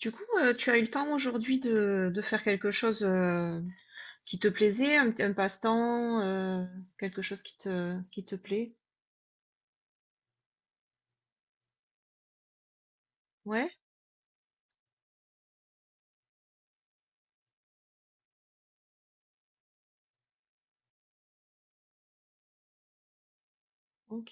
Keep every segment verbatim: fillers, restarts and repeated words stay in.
Du coup, euh, tu as eu le temps aujourd'hui de, de faire quelque chose euh, qui te plaisait, un, un passe-temps, euh, quelque chose qui te, qui te plaît? Ouais, OK.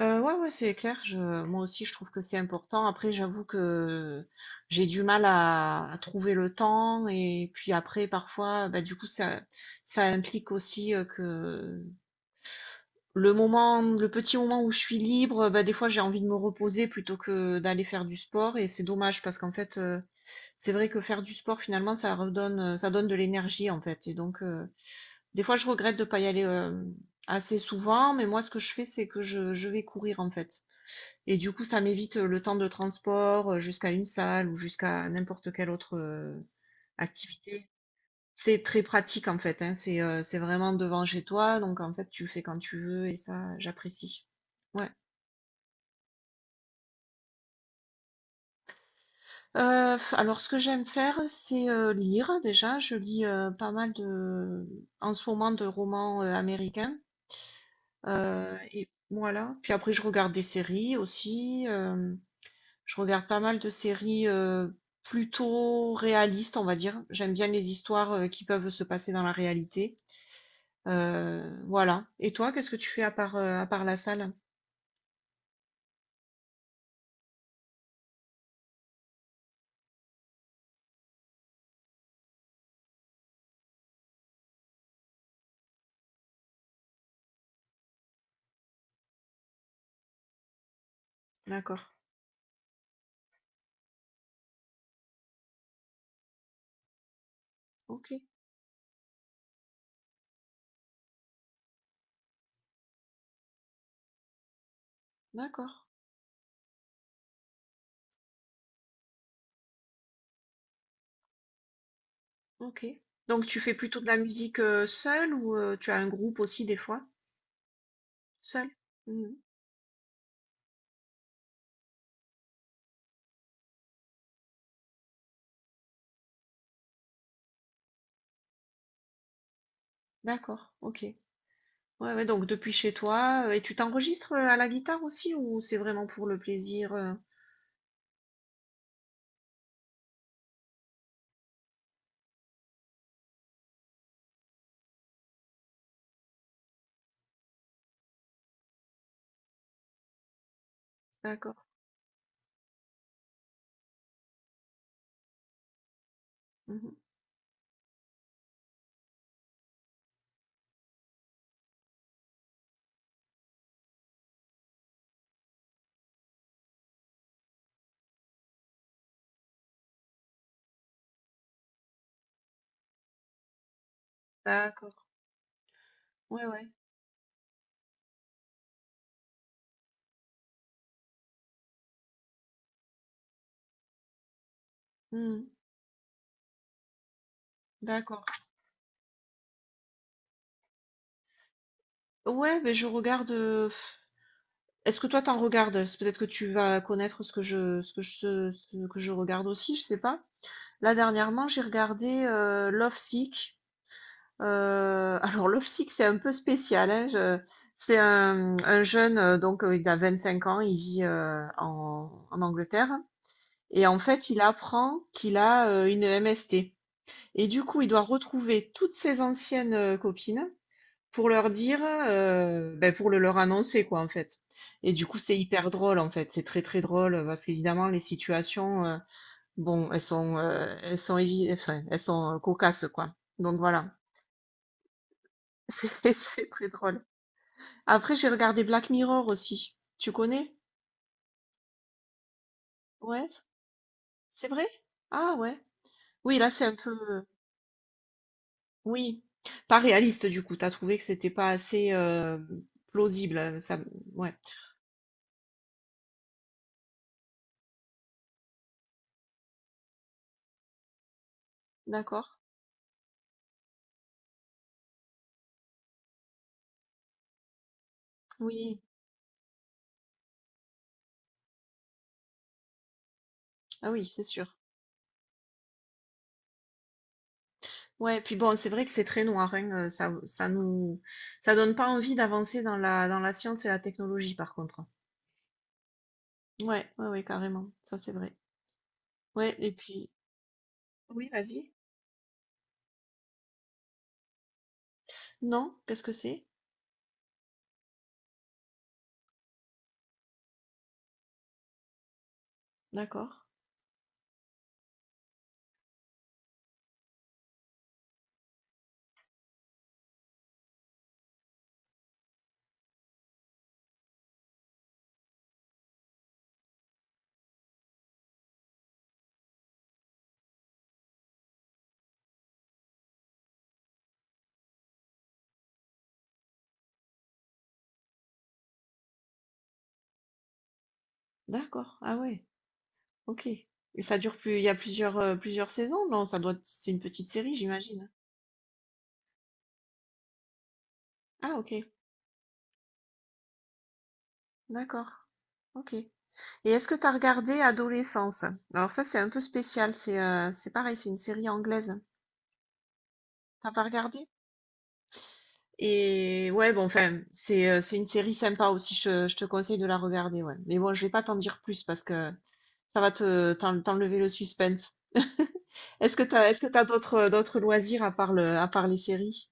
Euh, ouais, ouais, c'est clair. Je, moi aussi, je trouve que c'est important. Après, j'avoue que j'ai du mal à, à trouver le temps. Et puis après, parfois, bah, du coup, ça, ça implique aussi euh, que le moment, le petit moment où je suis libre, bah, des fois, j'ai envie de me reposer plutôt que d'aller faire du sport. Et c'est dommage parce qu'en fait, euh, c'est vrai que faire du sport, finalement, ça redonne, euh, ça donne de l'énergie, en fait, et donc, heu, des fois, je regrette de pas y aller, hem, assez souvent. Mais moi, ce que je fais, c'est que je je vais courir, en fait, et du coup, ça m'évite, euh, le temps de transport, heu, jusqu'à une salle ou jusqu'à n'importe quelle autre, heu, activité. C'est très pratique, en fait, hein, c'est, heu, c'est vraiment devant chez toi, donc en fait, tu le fais quand tu veux, et ça, j'apprécie. Ouais. Heu, alors, ce que j'aime faire, c'est, heu, lire déjà. Je lis, heu, pas mal de en ce moment de romans, heu, américains, heu et voilà. Puis après, je regarde des séries aussi, hem, je regarde pas mal de séries, heu, plutôt réalistes, on va dire. J'aime bien les histoires, heu, qui peuvent se passer dans la réalité, heu, voilà. Et toi, qu'est-ce que tu fais à part, heu, à part la salle? D'accord. OK. D'accord. OK. Donc, tu fais plutôt de la musique, heu, seule, ou heu, tu as un groupe aussi des fois? Seul? Mhm. D'accord, OK. Ouais, ouais, donc depuis chez toi, euh, et tu t'enregistres euh, à la guitare aussi, ou c'est vraiment pour le plaisir? euh D'accord, mhm. D'accord, ouais, ouais, Mhm. D'accord. Ouais, mais je regarde. euh, pff, Est-ce que toi t'en regardes? C'est Peut-être que tu vas connaître ce que je, ce que je, ce que je regarde aussi, je sais pas. Là, dernièrement, j'ai regardé euh, Love Sick. Heu, alors, Love Sick, c'est un peu spécial, hein. je C'est un un jeune, heu, donc, heu, il a vingt-cinq ans. Il vit, heu, en en Angleterre, et, en fait, il apprend qu'il a, heu, une M S T, et du coup, il doit retrouver toutes ses anciennes, heu, copines pour leur dire, heu, beh, pour le leur annoncer, quoi, en fait. Et du coup, c'est hyper drôle, en fait, c'est très, très drôle, heu, parce qu'évidemment les situations, heu, bon, elles sont, heu, elles sont évi enfin, elles sont, heu, cocasses, quoi. Donc, voilà, c'est c'est très drôle. Après, j'ai regardé Black Mirror aussi. Tu connais? Ouais, c'est vrai? Ah, ouais. Oui, là, c'est un peu. Oui, pas réaliste, du coup. T'as trouvé que c'était pas assez euh, plausible, hein. Ça. Ouais, d'accord. Oui, ah oui, c'est sûr. Ouais, puis bon, c'est vrai que c'est très noir, hein. euh, Ça, ça nous, ça donne pas envie d'avancer dans la, dans la science et la technologie, par contre. Ouais, ouais, ouais, carrément. Ça, c'est vrai. Ouais, et puis. Oui, vas-y. Non, qu'est-ce que c'est? D'accord. D'accord. Ah ouais. OK. Et ça dure, plus il y a plusieurs, heu, plusieurs saisons? Non, ça doit c'est une petite série, j'imagine? Ah, OK, d'accord. OK. Et est-ce que tu as regardé Adolescence? Alors ça, c'est un peu spécial, c'est, heu, c'est pareil, c'est une série anglaise. T'as pas regardé? Et, ouais, bon, enfin, c'est, heu, c'est une série sympa aussi, je je te conseille de la regarder, ouais. Mais bon, je vais pas t'en dire plus parce que ça va te t'en- t'enlever le suspense. Est-ce que t'as, est-ce que t'as d'autres d'autres loisirs à part le, à part les séries?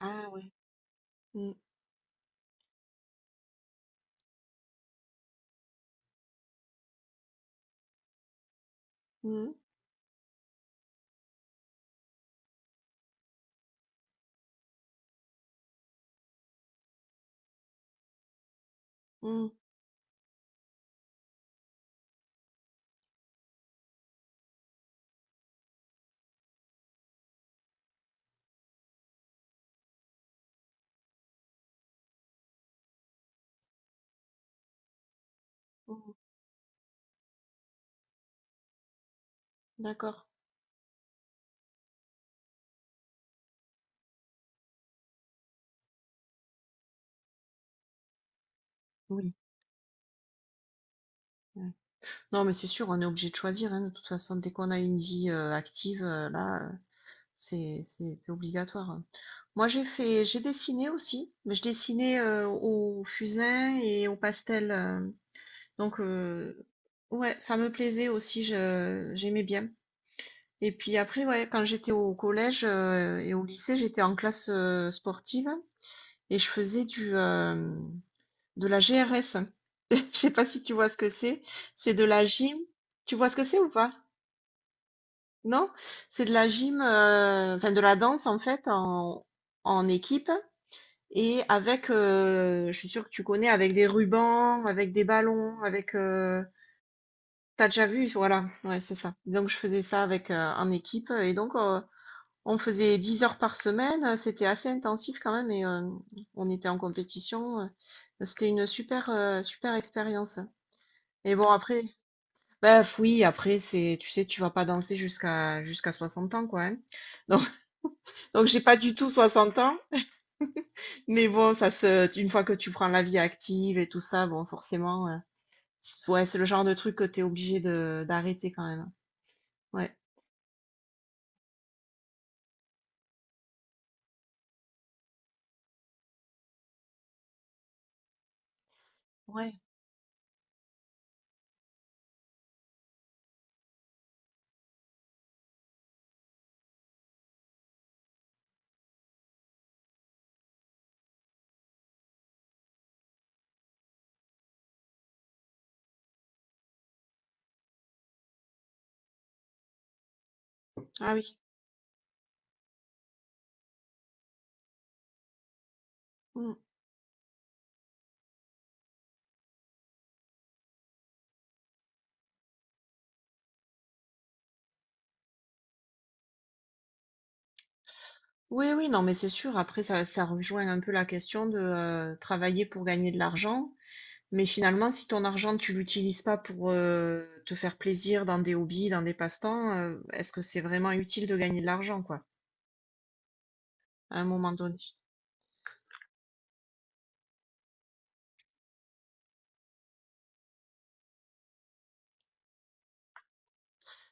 Ah ouais. Mm, mm, mm, mm. D'accord. Oui. Ouais. Non, mais c'est sûr, on est obligé de choisir, hein, de toute façon, dès qu'on a une vie euh, active, euh, là. euh, C'est obligatoire, hein. Moi, j'ai fait, j'ai dessiné aussi, mais je dessinais euh, au fusain et au pastel. Euh, donc, euh, ouais, ça me plaisait aussi, je, j'aimais bien. Et puis après, ouais, quand j'étais au collège euh, et au lycée, j'étais en classe euh, sportive, et je faisais du, euh, de la G R S. Je sais pas si tu vois ce que c'est. C'est de la gym. Tu vois ce que c'est, ou pas? Non? C'est de la gym, euh, enfin de la danse, en fait, en, en équipe, et avec, euh, je suis sûre que tu connais, avec des rubans, avec des ballons, avec. Euh, t'as déjà vu? Voilà, ouais, c'est ça. Donc, je faisais ça avec euh, en équipe, et donc, euh, on faisait dix heures par semaine. C'était assez intensif quand même, et euh, on était en compétition. euh, C'était une super euh, super expérience. Et bon, après, bah oui, après c'est, tu sais, tu vas pas danser jusqu'à jusqu'à soixante ans, quoi, hein. Donc, j'ai pas du tout soixante ans, mais bon, ça se, une fois que tu prends la vie active et tout ça, bon, forcément, euh, c'est- ouais, c'est le genre de truc que t'es obligé de d'arrêter quand même. Ouais, ouais, ah oui. Mm. Oui, oui, non, mais c'est sûr. Après, ça, ça rejoint un peu la question de euh, travailler pour gagner de l'argent. Mais finalement, si ton argent, tu l'utilises pas pour euh, te faire plaisir dans des hobbies, dans des passe-temps, euh, est-ce que c'est vraiment utile de gagner de l'argent, quoi, à un moment donné?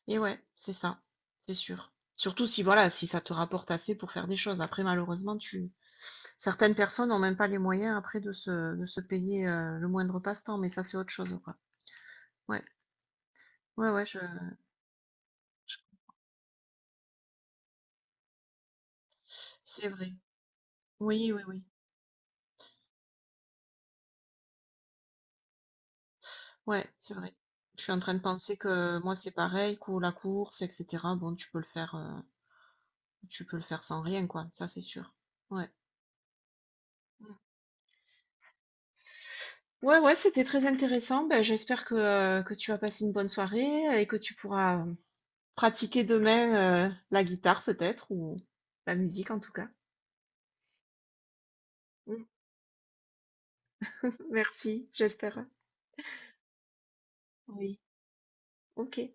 Et ouais, c'est ça, c'est sûr. Surtout si voilà, si ça te rapporte assez pour faire des choses. Après, malheureusement, tu certaines personnes n'ont même pas les moyens après de se, de se payer euh, le moindre passe-temps, mais ça c'est autre chose, quoi. Ouais, ouais, ouais, je... c'est vrai. Oui, oui, oui. Ouais, c'est vrai. Je suis en train de penser que moi, c'est pareil, cou- la course, et cetera. Bon, tu peux le faire, euh, tu peux le faire sans rien, quoi. Ça, c'est sûr. Ouais. Mm. Ouais, ouais, c'était très intéressant. Ben, j'espère que, euh, que tu as passé une bonne soirée et que tu pourras pratiquer demain, heu, la guitare peut-être, ou la musique en tout cas. Mmh. Merci, j'espère. Oui. OK.